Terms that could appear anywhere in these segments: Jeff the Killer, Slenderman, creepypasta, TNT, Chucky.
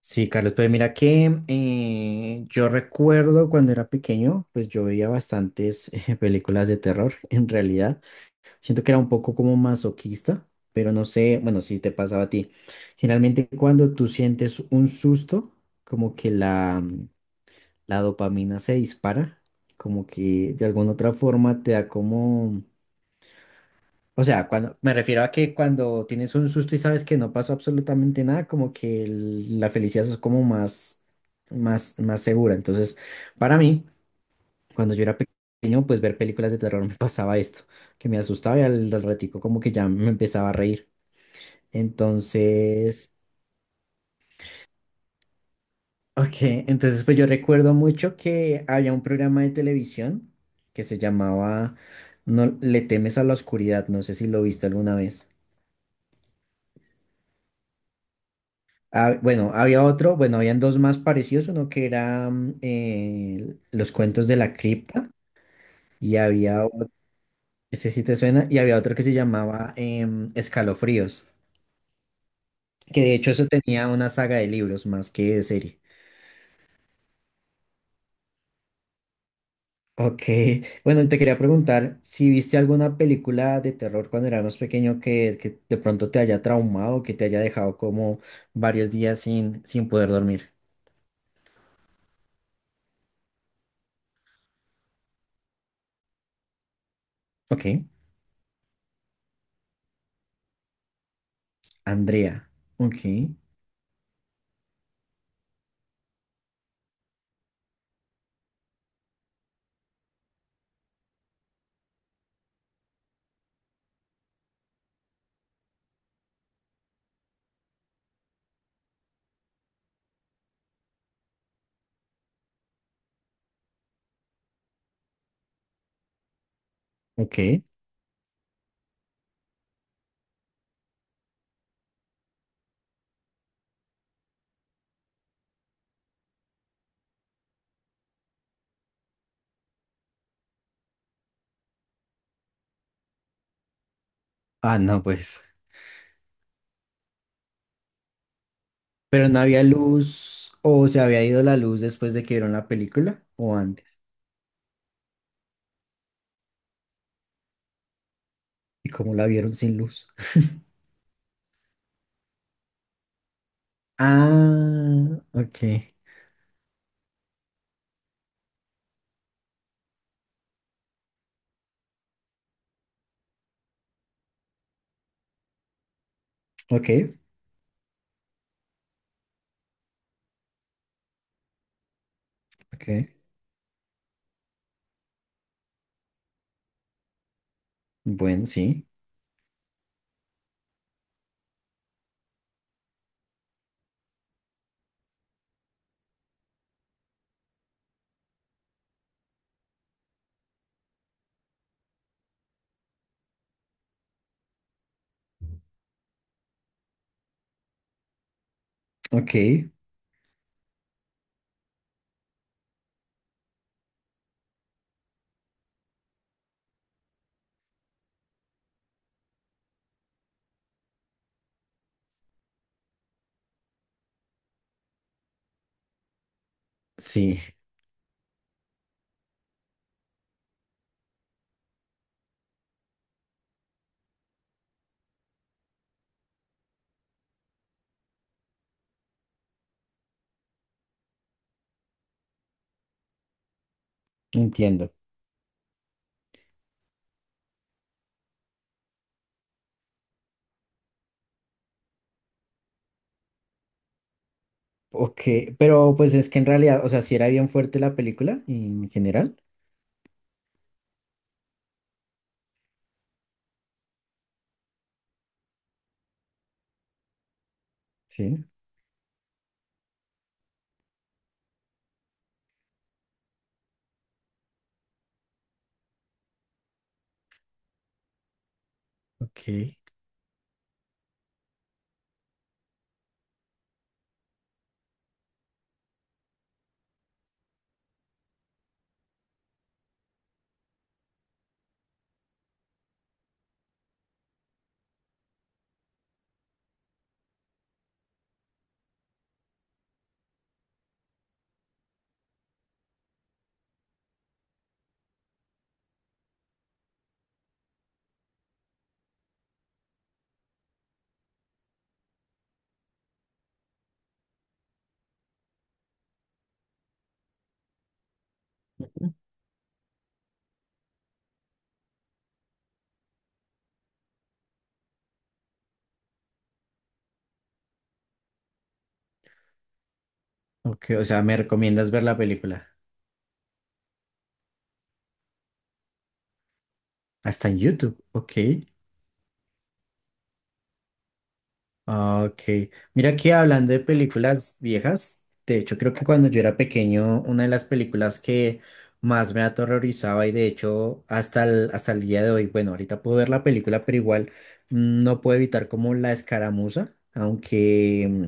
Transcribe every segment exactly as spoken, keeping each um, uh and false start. Sí, Carlos, pues mira que eh, yo recuerdo cuando era pequeño, pues yo veía bastantes eh, películas de terror, en realidad. Siento que era un poco como masoquista, pero no sé, bueno, si te pasaba a ti. Generalmente cuando tú sientes un susto, como que la, mm, la dopamina se dispara, como que de alguna otra forma te da como o sea, cuando me refiero a que cuando tienes un susto y sabes que no pasó absolutamente nada, como que el- la felicidad es como más, más, más segura. Entonces, para mí, cuando yo era pequeño, pues ver películas de terror me pasaba esto, que me asustaba y al, al ratico como que ya me empezaba a reír. Entonces, ok, entonces pues yo recuerdo mucho que había un programa de televisión que se llamaba No le temes a la oscuridad, no sé si lo viste alguna vez. Ah, bueno, había otro, bueno, habían dos más parecidos, uno que era mm, eh, Los cuentos de la cripta y había otro, ese sí te suena, y había otro que se llamaba em, Escalofríos, que de hecho eso tenía una saga de libros más que de serie. Ok, bueno, te quería preguntar si viste alguna película de terror cuando eras más pequeño que, que de pronto te haya traumado, que te haya dejado como varios días sin, sin poder dormir. Ok, Andrea. Ok, ok. Ah, no, pues. Pero no había luz o se había ido la luz después de que vieron la película o antes. ¿Y cómo la vieron sin luz? Ah, ok, ok, ok. Bueno, sí, ok, sí, entiendo. Ok, pero pues es que en realidad, o sea, si era bien fuerte la película en general. Sí, ok, ok, o sea, me recomiendas ver la película. Hasta en YouTube, ok. Ah, ok, mira que hablando de películas viejas, de hecho creo que cuando yo era pequeño, una de las películas que más me aterrorizaba y de hecho hasta el, hasta el día de hoy, bueno, ahorita puedo ver la película, pero igual mm, no puedo evitar como la escaramuza, aunque mm,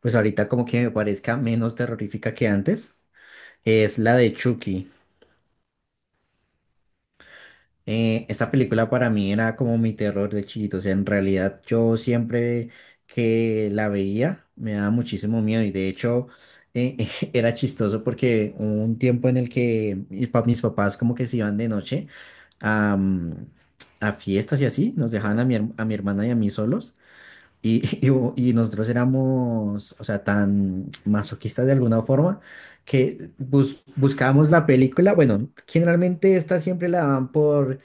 pues ahorita como que me parezca menos terrorífica que antes, es la de Chucky. Eh, esta película para mí era como mi terror de chiquito, o sea, en realidad yo siempre que la veía me daba muchísimo miedo y de hecho eh, era chistoso porque hubo un tiempo en el que mis, pa- mis papás como que se iban de noche a, mm, a fiestas y así, nos dejaban a mi, her- a mi hermana y a mí solos y, y, hubo- y nosotros éramos, o sea, tan masoquistas de alguna forma que bus- buscábamos la película, bueno, generalmente esta siempre la dan por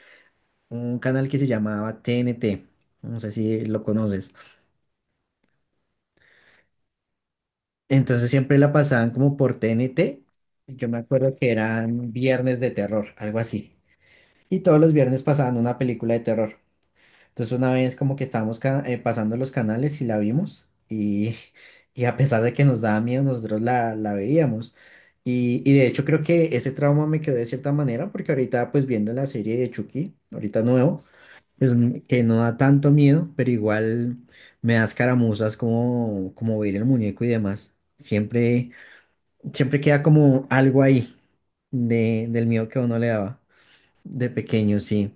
un canal que se llamaba T N T. No sé si lo conoces. Entonces siempre la pasaban como por T N T. Yo me acuerdo que eran viernes de terror, algo así. Y todos los viernes pasaban una película de terror. Entonces una vez como que estábamos ca- eh, pasando los canales y la vimos. Y, y a pesar de que nos daba miedo, nosotros la, la veíamos. Y, y de hecho creo que ese trauma me quedó de cierta manera porque ahorita pues viendo la serie de Chucky, ahorita nuevo. Pues, mm, que no da tanto miedo, pero igual me da escaramuzas como, como ver el muñeco y demás. Siempre, siempre queda como algo ahí de, del miedo que a uno le daba de pequeño, sí.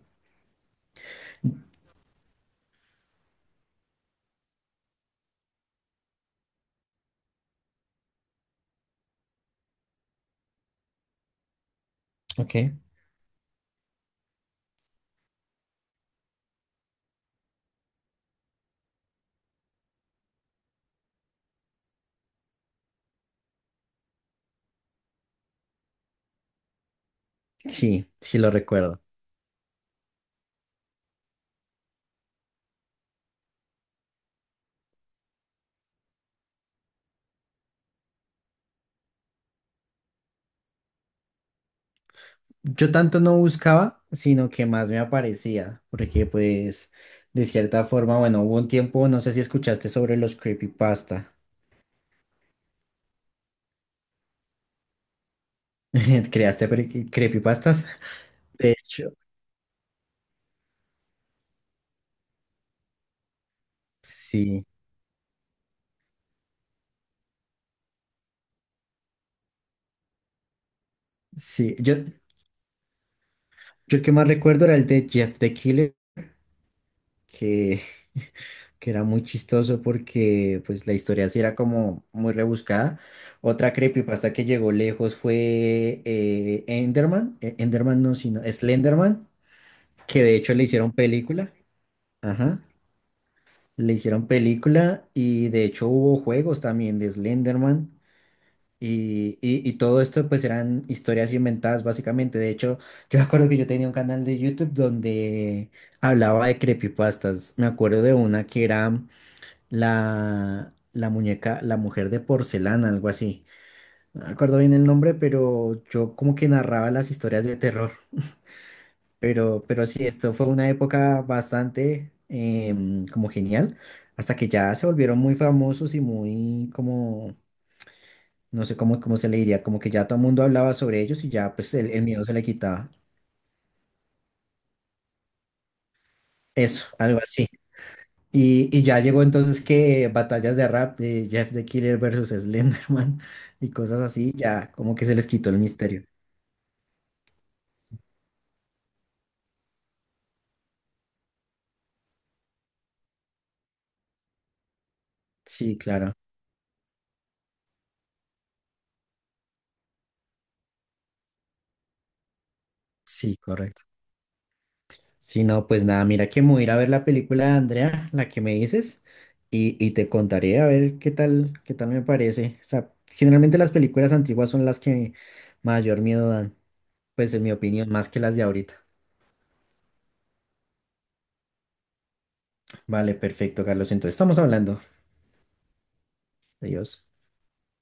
Ok. Sí, sí lo recuerdo. Yo tanto no buscaba, sino que más me aparecía, porque pues de cierta forma, bueno, hubo un tiempo, no sé si escuchaste sobre los creepypasta. ¿Creaste pre- creepypastas? De hecho, sí, sí. Yo, Yo el que más recuerdo era el de Jeff the Killer, que, que era muy chistoso porque pues la historia sí era como muy rebuscada. Otra creepypasta que llegó lejos fue eh, Enderman, eh, Enderman no, sino Slenderman, que de hecho le hicieron película. Ajá, le hicieron película y de hecho hubo juegos también de Slenderman. Y, y, y todo esto pues eran historias inventadas básicamente. De hecho, yo me acuerdo que yo tenía un canal de YouTube donde hablaba de creepypastas. Me acuerdo de una que era la, la muñeca, la mujer de porcelana, algo así. No me acuerdo bien el nombre, pero yo como que narraba las historias de terror. Pero, pero sí, esto fue una época bastante em, como genial, hasta que ya se volvieron muy famosos y muy como no sé cómo, cómo se le diría, como que ya todo el mundo hablaba sobre ellos y ya pues el, el miedo se le quitaba. Eso, algo así. Y, y ya llegó entonces que batallas de rap de Jeff the Killer versus Slenderman y cosas así, ya como que se les quitó el misterio. Sí, claro. Sí, correcto. Sí, no, pues nada, mira que me voy a ir a ver la película de Andrea, la que me dices, y, y te contaré a ver qué tal, qué tal me parece. O sea, generalmente las películas antiguas son las que mayor miedo dan, pues en mi opinión, más que las de ahorita. Vale, perfecto, Carlos. Entonces estamos hablando. Adiós.